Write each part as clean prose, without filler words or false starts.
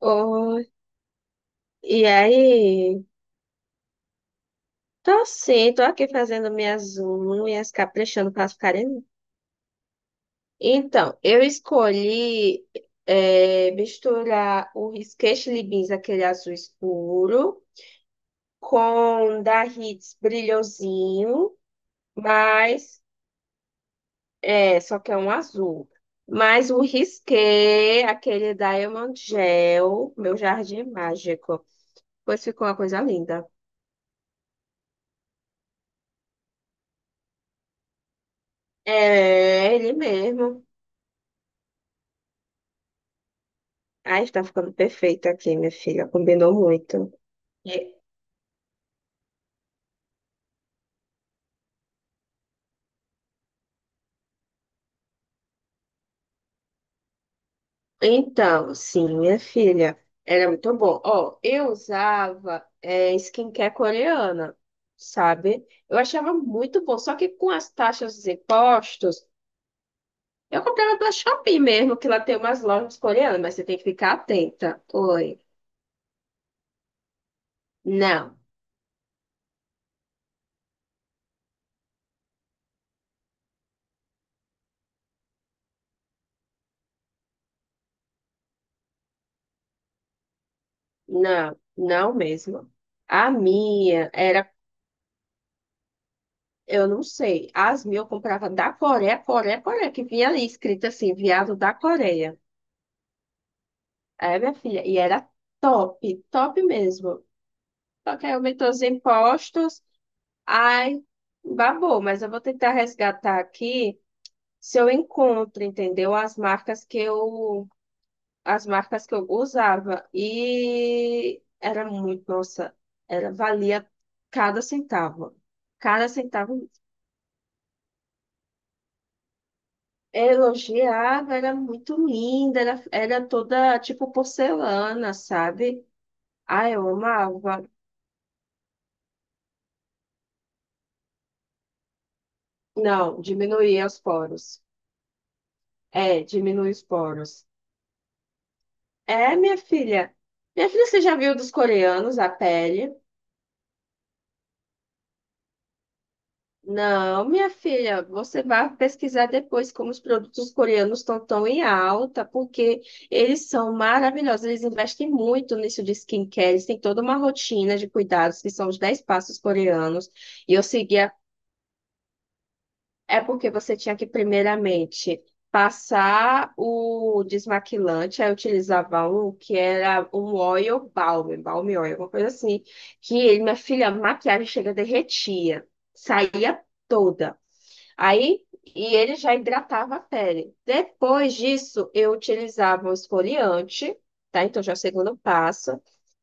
Oh, e aí? Tô sim, tô aqui fazendo minhas unhas, caprichando para ficarem. Então, eu escolhi misturar o Sketch Libins, aquele azul escuro, com da Hits brilhosinho, mas só que é um azul. Mas o risqué, aquele Diamond Gel, meu jardim mágico. Pois ficou uma coisa linda. É, ele mesmo. Ai, está ficando perfeito aqui, minha filha. Combinou muito. E- Então, sim, minha filha, era muito bom. Ó, eu usava skincare coreana, sabe? Eu achava muito bom. Só que com as taxas dos impostos, eu comprava da Shopee mesmo, que lá tem umas lojas coreanas, mas você tem que ficar atenta. Oi. Não, não, não mesmo. A minha era. Eu não sei. As mil eu comprava da Coreia, Coreia, Coreia, que vinha ali escrito assim, viado da Coreia. É, minha filha, e era top, top mesmo. Só que aí aumentou os impostos, ai, babou, mas eu vou tentar resgatar aqui se eu encontro, entendeu? As marcas que eu usava. E era muito, nossa, era, valia cada centavo. Cada centavo. Elogiava, era muito linda, era toda tipo porcelana, sabe? Ah, eu amava. Não, diminuía os poros. É, diminui os poros. É, minha filha. Minha filha, você já viu dos coreanos a pele? Não, minha filha, você vai pesquisar depois como os produtos coreanos estão tão em alta, porque eles são maravilhosos, eles investem muito nisso de skincare, eles têm toda uma rotina de cuidados, que são os 10 passos coreanos. E eu segui. É porque você tinha que, primeiramente, passar o desmaquilante, aí eu utilizava um que era um oil balm, balm oil, alguma coisa assim, que, ele, minha filha, a maquiagem chega derretia, saía toda. Aí, e ele já hidratava a pele. Depois disso, eu utilizava um esfoliante, tá? Então, já é o segundo passo.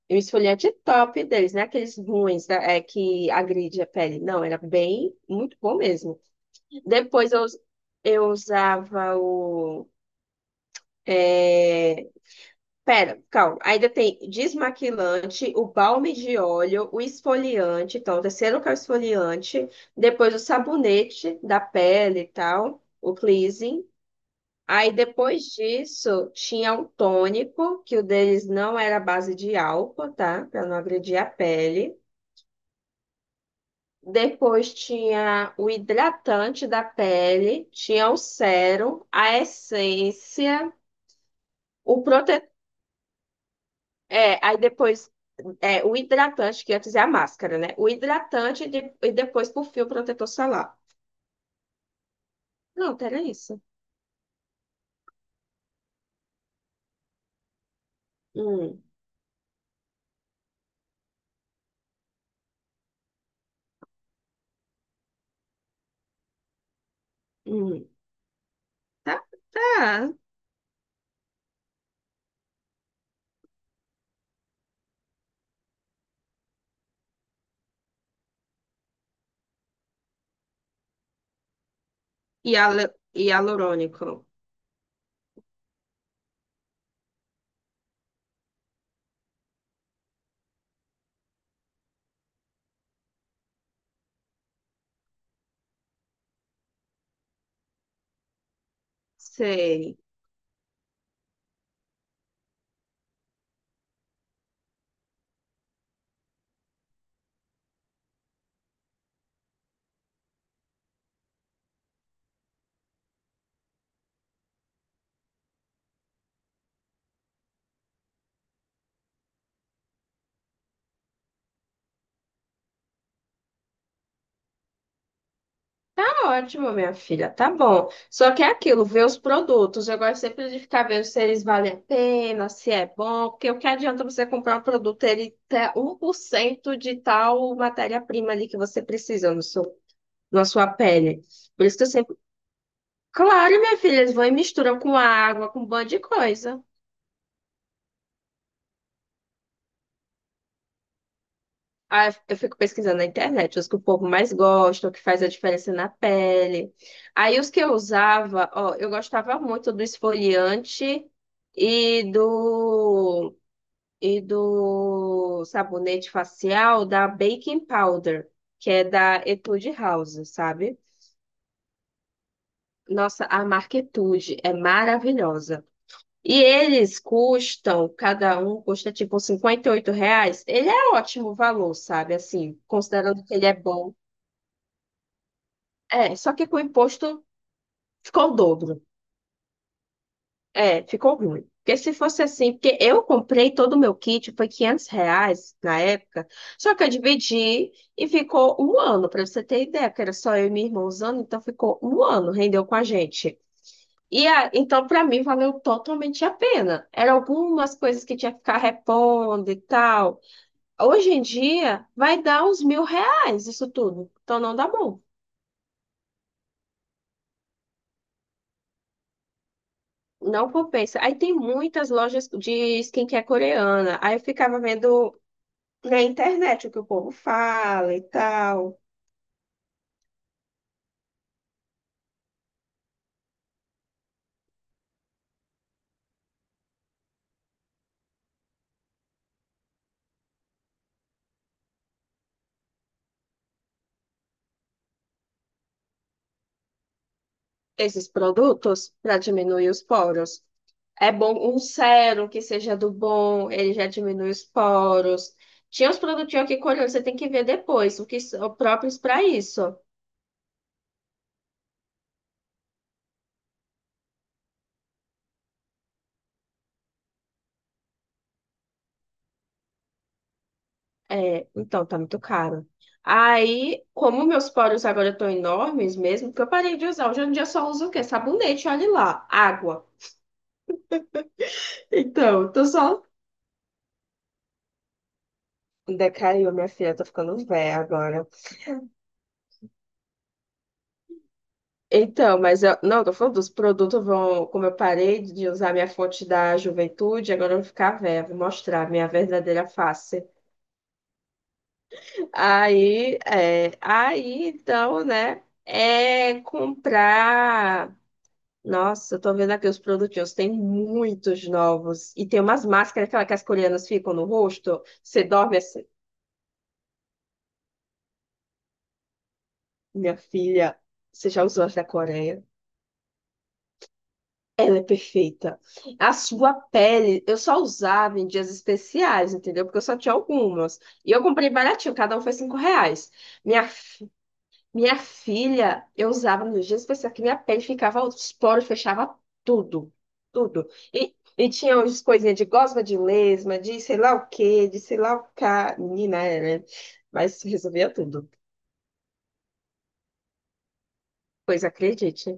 E o esfoliante top deles, não é aqueles ruins, né? É, que agride a pele. Não, era bem, muito bom mesmo. Depois eu usava o. É... Pera, calma. Ainda tem desmaquilante, o balme de óleo, o esfoliante. Então, o terceiro que é o esfoliante. Depois o sabonete da pele e tal, o cleansing. Aí depois disso tinha o tônico, que o deles não era à base de álcool, tá? Para não agredir a pele. Depois tinha o hidratante da pele, tinha o sérum, a essência. O protetor. É, aí depois. É, o hidratante, que antes é a máscara, né? O hidratante e depois, por fim o protetor solar. Pronto, era isso. Hum, hum. Tá, tá. Hialurônico. Sei. Tá ótimo, minha filha. Tá bom. Só que é aquilo, ver os produtos. Eu gosto sempre de ficar vendo se eles valem a pena, se é bom, porque o que adianta você comprar um produto, ele ter 1% de tal matéria-prima ali que você precisa no seu na sua pele. Por isso que eu sempre. Claro, minha filha, eles vão e misturam com água, com um bando de coisa. Aí eu fico pesquisando na internet, os que o povo mais gosta, o que faz a diferença na pele. Aí os que eu usava, ó, eu gostava muito do esfoliante e do, e do sabonete facial da Baking Powder, que é da Etude House, sabe? Nossa, a marca Etude é maravilhosa. E eles custam, cada um custa tipo 58 reais. Ele é ótimo valor, sabe? Assim, considerando que ele é bom. É, só que com o imposto ficou o dobro. É, ficou ruim. Porque se fosse assim, porque eu comprei todo o meu kit, foi 500 reais na época, só que eu dividi e ficou um ano, para você ter ideia, porque era só eu e minha irmã usando, então ficou um ano, rendeu com a gente. Então, para mim, valeu totalmente a pena. Eram algumas coisas que tinha que ficar repondo e tal. Hoje em dia, vai dar uns 1.000 reais isso tudo. Então não dá bom. Não compensa. Aí tem muitas lojas de skincare coreana. Aí eu ficava vendo na internet o que o povo fala e tal. Esses produtos para diminuir os poros. É bom um sérum que seja do bom, ele já diminui os poros. Tinha uns produtinhos aqui coreanos, você tem que ver depois, o que são próprios para isso. É, então, tá muito caro. Aí, como meus poros agora estão enormes mesmo, porque eu parei de usar. Hoje em dia eu só uso o quê? Sabonete, olha lá. Água. Então, eu tô só. Decaiu, minha filha, eu tô ficando velha agora. Então, mas eu. Não, tô falando dos produtos vão. Como eu parei de usar minha fonte da juventude, agora eu vou ficar velha, vou mostrar a minha verdadeira face. Aí, é, aí, então, né? É comprar. Nossa, eu tô vendo aqui os produtinhos, tem muitos novos. E tem umas máscaras, aquela que as coreanas ficam no rosto. Você dorme assim. Minha filha, você já usou as da Coreia? Ela é perfeita. A sua pele, eu só usava em dias especiais, entendeu? Porque eu só tinha algumas. E eu comprei baratinho, cada um foi 5 reais. Minha Minha filha, eu usava nos dias especiais que minha pele ficava, os poros fechava tudo, tudo. E tinha umas coisinhas de gosma de lesma, de sei lá o quê, de sei lá o cá. Menina, é, né? Mas resolvia tudo. Pois acredite,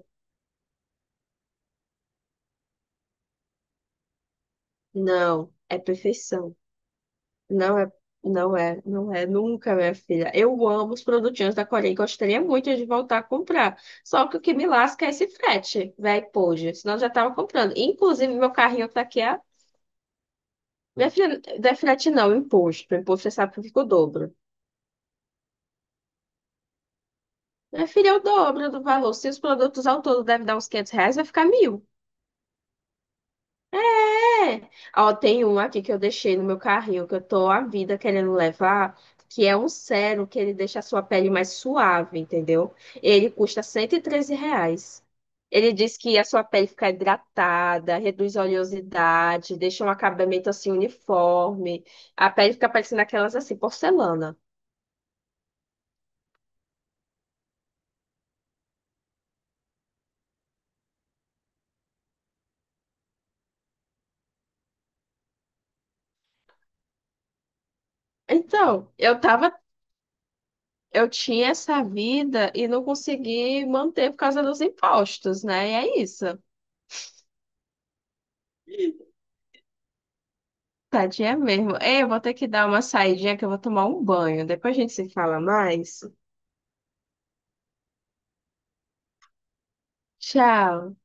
não é perfeição. Não é, não é, não é nunca, minha filha. Eu amo os produtinhos da Coreia e gostaria muito de voltar a comprar. Só que o que me lasca é esse frete, velho, poxa. Senão eu já tava comprando. Inclusive, meu carrinho tá aqui. Minha filha, não é frete não, imposto. Imposto você sabe que fica o dobro. Minha filha, é o dobro do valor. Se os produtos ao todo devem dar uns 500 reais, vai ficar 1.000. É. Ó, tem um aqui que eu deixei no meu carrinho, que eu tô a vida querendo levar, que é um sérum que ele deixa a sua pele mais suave, entendeu? Ele custa 113 reais. Ele diz que a sua pele fica hidratada, reduz a oleosidade, deixa um acabamento assim uniforme. A pele fica parecendo aquelas assim, porcelana. Então, eu tinha essa vida e não consegui manter por causa dos impostos, né? E é isso. Tadinha mesmo. Ei, eu vou ter que dar uma saidinha que eu vou tomar um banho. Depois a gente se fala mais. Tchau.